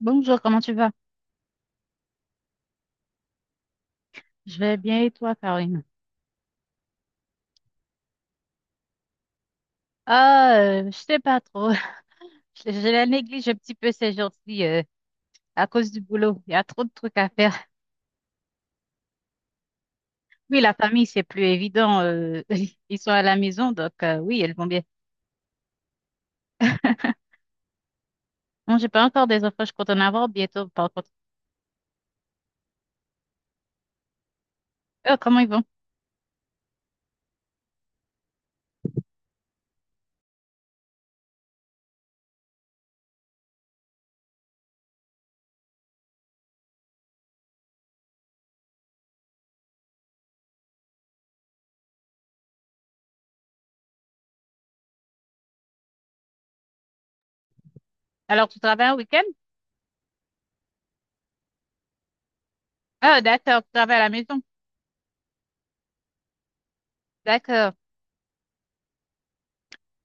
Bonjour, comment tu vas? Je vais bien et toi, Karine? Ah, je sais pas trop. Je la néglige un petit peu ces jours-ci à cause du boulot. Il y a trop de trucs à faire. Oui, la famille, c'est plus évident. Ils sont à la maison, donc oui, elles vont bien. Non, j'ai pas encore des enfants, je compte en avoir bientôt, par contre. Oh, comment ils vont? Alors, tu travailles un week-end? Ah, d'accord, tu travailles à la maison. D'accord.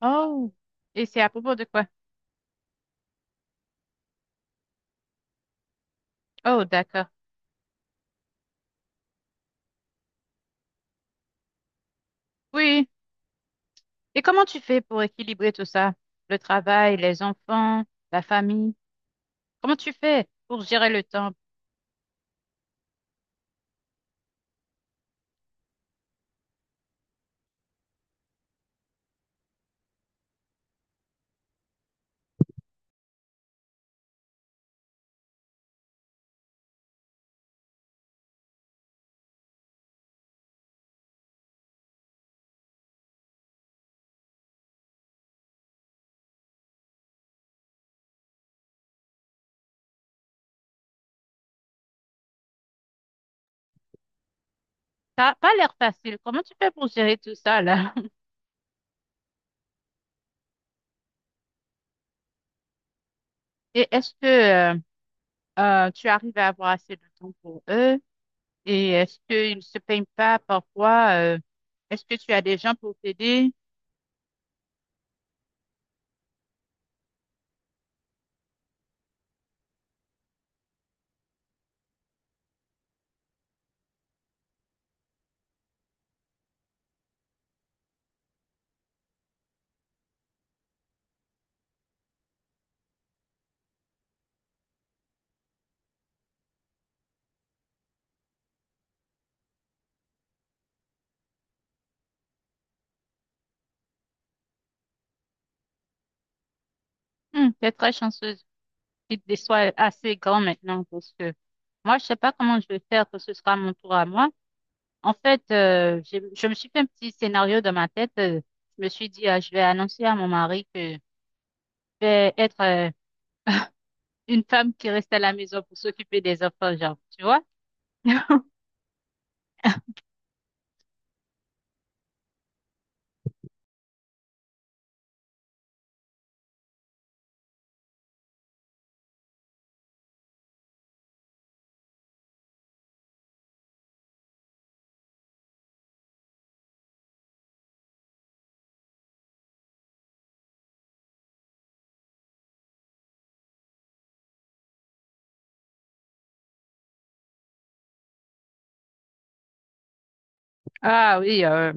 Oh, et c'est à propos de quoi? Oh, d'accord. Oui. Et comment tu fais pour équilibrer tout ça? Le travail, les enfants, la famille? Comment tu fais pour gérer le temps? T'as pas l'air facile. Comment tu fais pour gérer tout ça là? Et est-ce que tu arrives à avoir assez de temps pour eux? Et est-ce qu'ils ne se peignent pas parfois? Est-ce que tu as des gens pour t'aider? Hmm, t'es très chanceuse qu'ils te soient assez grands maintenant parce que moi, je sais pas comment je vais faire que ce sera mon tour à moi. En fait, je me suis fait un petit scénario dans ma tête. Je me suis dit, ah, je vais annoncer à mon mari que je vais être une femme qui reste à la maison pour s'occuper des enfants, genre, tu vois? Ah oui, euh,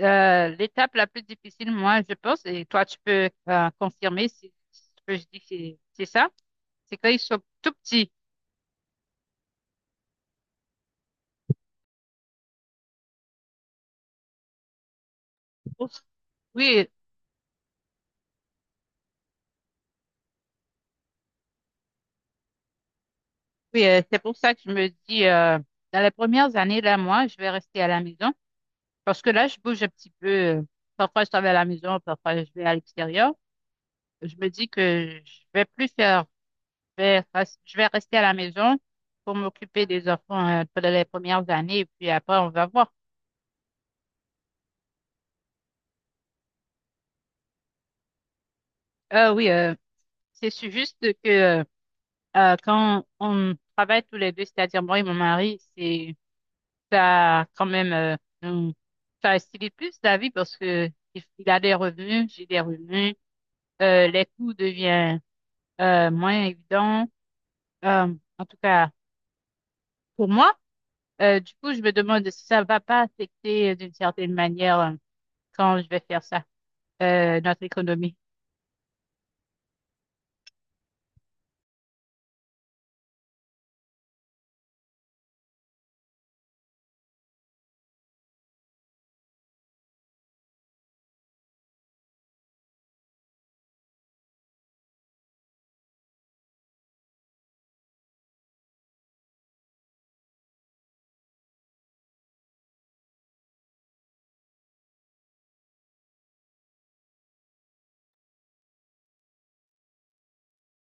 euh, l'étape la plus difficile, moi, je pense, et toi, tu peux confirmer si, si tu peux, je dis que c'est ça, c'est quand ils sont tout petits. Oui, oui, c'est pour ça que je me dis, dans les premières années, là, moi, je vais rester à la maison parce que là, je bouge un petit peu. Parfois, je travaille à la maison, parfois, je vais à l'extérieur. Je me dis que je vais plus faire je vais rester à la maison pour m'occuper des enfants pendant les premières années et puis après on va voir. Oui, juste que euh, quand on travaille tous les deux, c'est-à-dire moi et mon mari, c'est ça quand même nous- ça facilite plus la vie parce que il a des revenus, j'ai des revenus, les coûts deviennent moins évidents. En tout cas pour moi. Du coup, je me demande si ça va pas affecter d'une certaine manière quand je vais faire ça. Notre économie.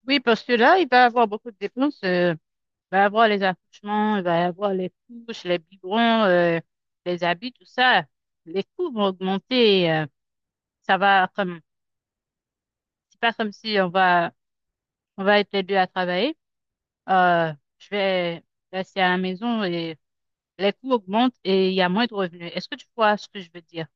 Oui, parce que là, il va y avoir beaucoup de dépenses. Il va y avoir les accouchements, il va y avoir les couches, les biberons, les habits, tout ça. Les coûts vont augmenter. Ça va comme, c'est pas comme si on va être les deux à travailler. Euh, je vais rester à la maison et les coûts augmentent et il y a moins de revenus. Est-ce que tu vois ce que je veux dire?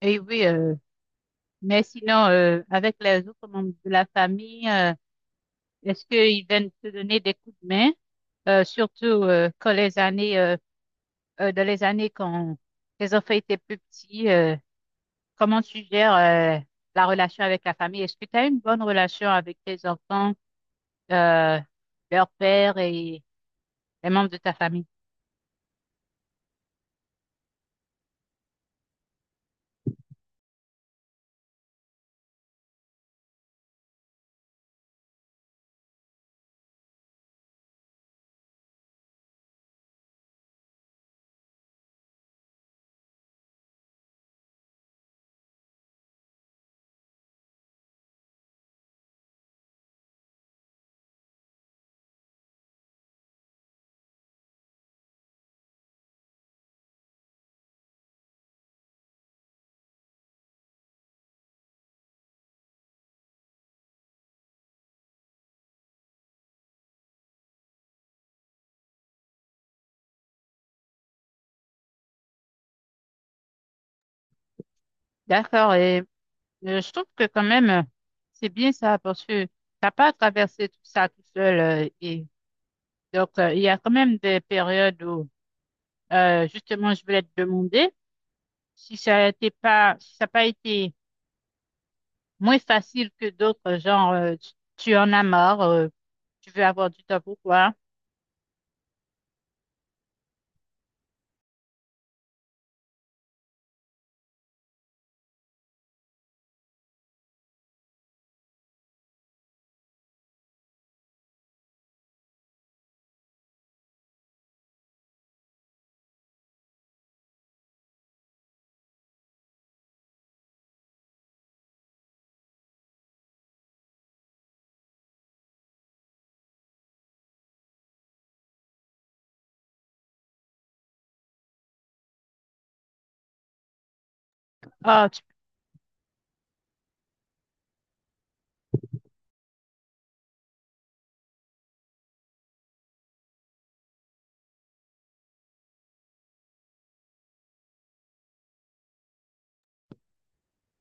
Et oui, mais sinon, avec les autres membres de la famille, est-ce qu'ils viennent te donner des coups de main, surtout quand les années, dans les années quand tes enfants étaient plus petits, comment tu gères la relation avec la famille? Est-ce que tu as une bonne relation avec tes enfants, euh, leur père et les membres de ta famille? D'accord. Et je trouve que quand même, c'est bien ça parce que t'as pas à traverser tout ça tout seul. Et donc, il y a quand même des périodes où, justement, je voulais te demander. Si ça n'a pas, si ça a pas été moins facile que d'autres, genre, tu en as marre, tu veux avoir du temps pour toi. Ah, tu,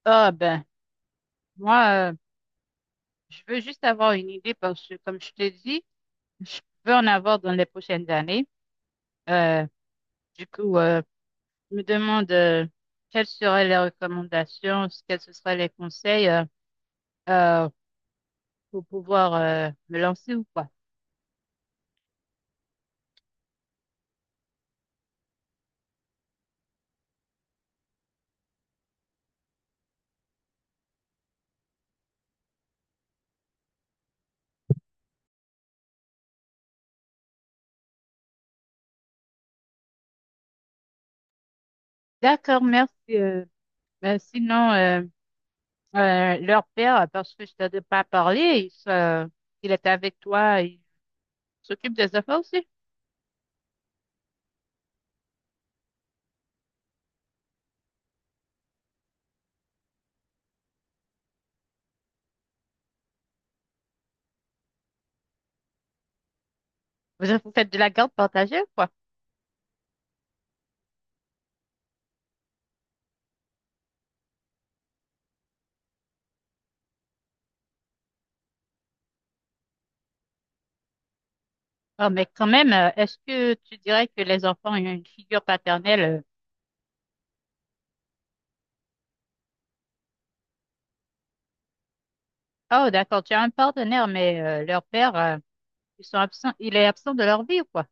ben, moi, je veux juste avoir une idée parce que, comme je te dis, je veux en avoir dans les prochaines années. Euh, du coup, je me demande quelles seraient les recommandations, quels ce seraient les conseils euh, pour pouvoir me lancer ou quoi. D'accord, merci. Ben, sinon, euh, leur père, parce que je ne t'ai pas parlé, il, se- il est avec toi, il s'occupe des enfants aussi. Vous, vous faites de la garde partagée, quoi. Oh, mais quand même, est-ce que tu dirais que les enfants ont une figure paternelle? Oh, d'accord, tu as un partenaire, mais leur père, ils sont absents, il est absent de leur vie, quoi.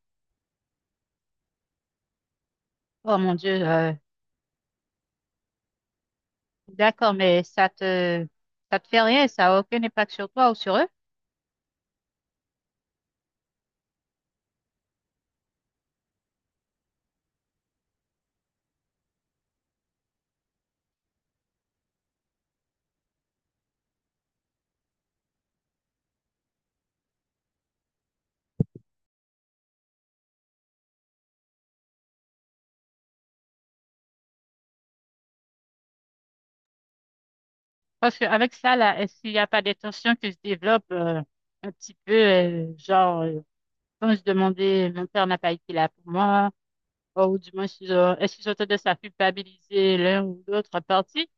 Oh mon Dieu, d'accord, ça te fait rien, ça n'a aucun impact sur toi ou sur eux? Parce qu'avec ça, là, s'il n'y a pas des tensions qui se développent, un petit peu, genre, quand je demandais, mon père n'a pas été là pour moi, ou du moins, si je- est-ce qu'ils ont tendance à culpabiliser l'un ou l'autre partie?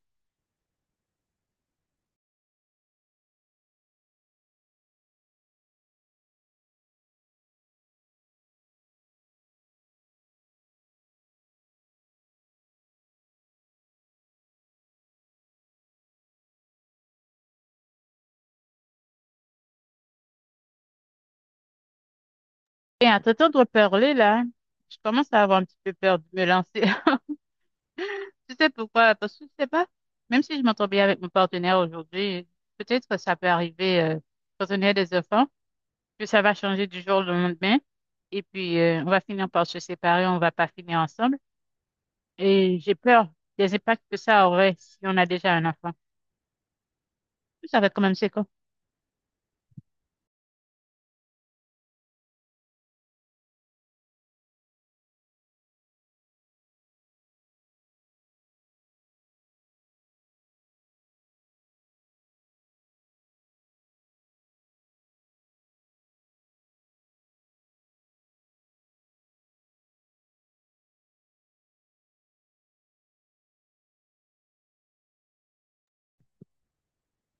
Et à t'entendre parler, là, je commence à avoir un petit peu peur de me lancer. Tu sais pourquoi? Parce que je sais pas, même si je m'entends bien avec mon partenaire aujourd'hui, peut-être que ça peut arriver, quand on a des enfants, que ça va changer du jour au lendemain, et puis, on va finir par se séparer, on va pas finir ensemble, et j'ai peur des impacts que ça aurait si on a déjà un enfant. Ça va être quand même séquent.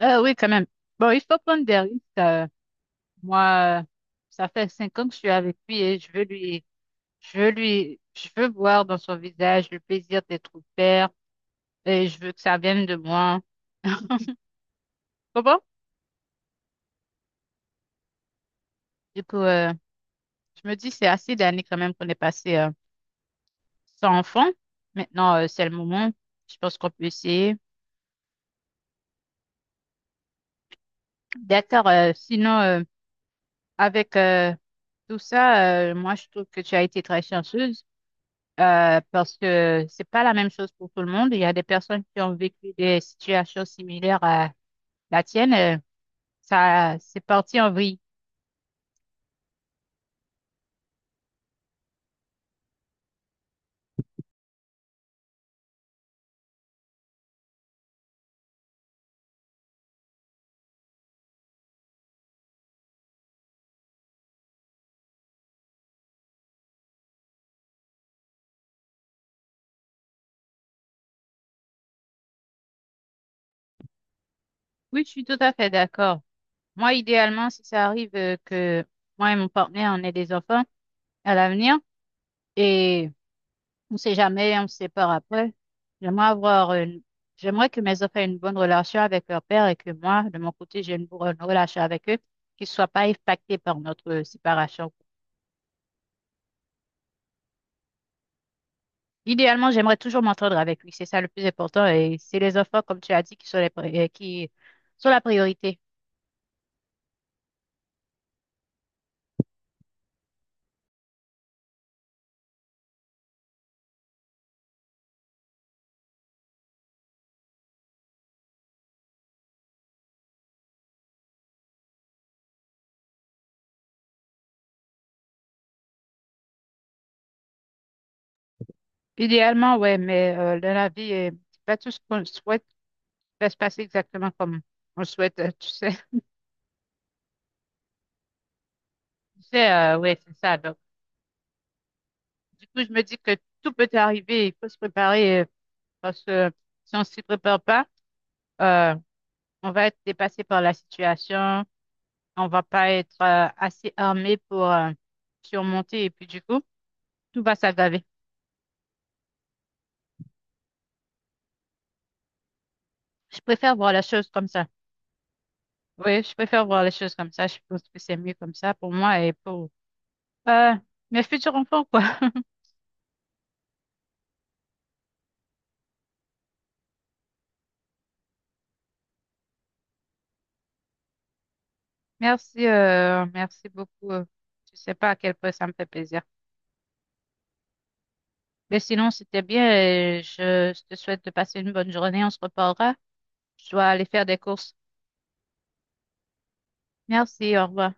Oui, quand même. Bon, il faut prendre des risques. Moi, ça fait 5 ans que je suis avec lui et je veux voir dans son visage le plaisir d'être père et je veux que ça vienne de moi. Comment? Du coup, je me dis, c'est assez d'années quand même qu'on est passé sans enfant. Maintenant, c'est le moment. Je pense qu'on peut essayer. D'accord. Sinon, avec tout ça, moi, je trouve que tu as été très chanceuse. Parce que c'est pas la même chose pour tout le monde. Il y a des personnes qui ont vécu des situations similaires à la tienne. Ça, c'est parti en vrille. Oui, je suis tout à fait d'accord. Moi, idéalement, si ça arrive que moi et mon partenaire, on ait des enfants à l'avenir et on sait jamais, on se sépare après, j'aimerais avoir une- j'aimerais que mes enfants aient une bonne relation avec leur père et que moi, de mon côté, j'ai une bonne relation avec eux, qu'ils soient pas impactés par notre séparation. Idéalement, j'aimerais toujours m'entendre avec lui. C'est ça le plus important. Et c'est les enfants, comme tu as dit, qui sont, qui sont la priorité. Idéalement, ouais, mais dans la vie, c'est pas tout ce qu'on souhaite va se passer exactement comme on le souhaite, tu sais. Tu sais, ouais, c'est ça. Donc, du coup, je me dis que tout peut arriver. Il faut se préparer parce que si on s'y prépare pas, euh, on va être dépassé par la situation. On va pas être assez armé pour surmonter. Et puis, du coup, tout va s'aggraver. Je préfère voir les choses comme ça. Oui, je préfère voir les choses comme ça. Je pense que c'est mieux comme ça pour moi et pour euh, mes futurs enfants, quoi. Merci, merci beaucoup. Je sais pas à quel point ça me fait plaisir. Mais sinon, c'était bien. Et je te souhaite de passer une bonne journée. On se reparlera. Je dois aller faire des courses. Merci, au revoir.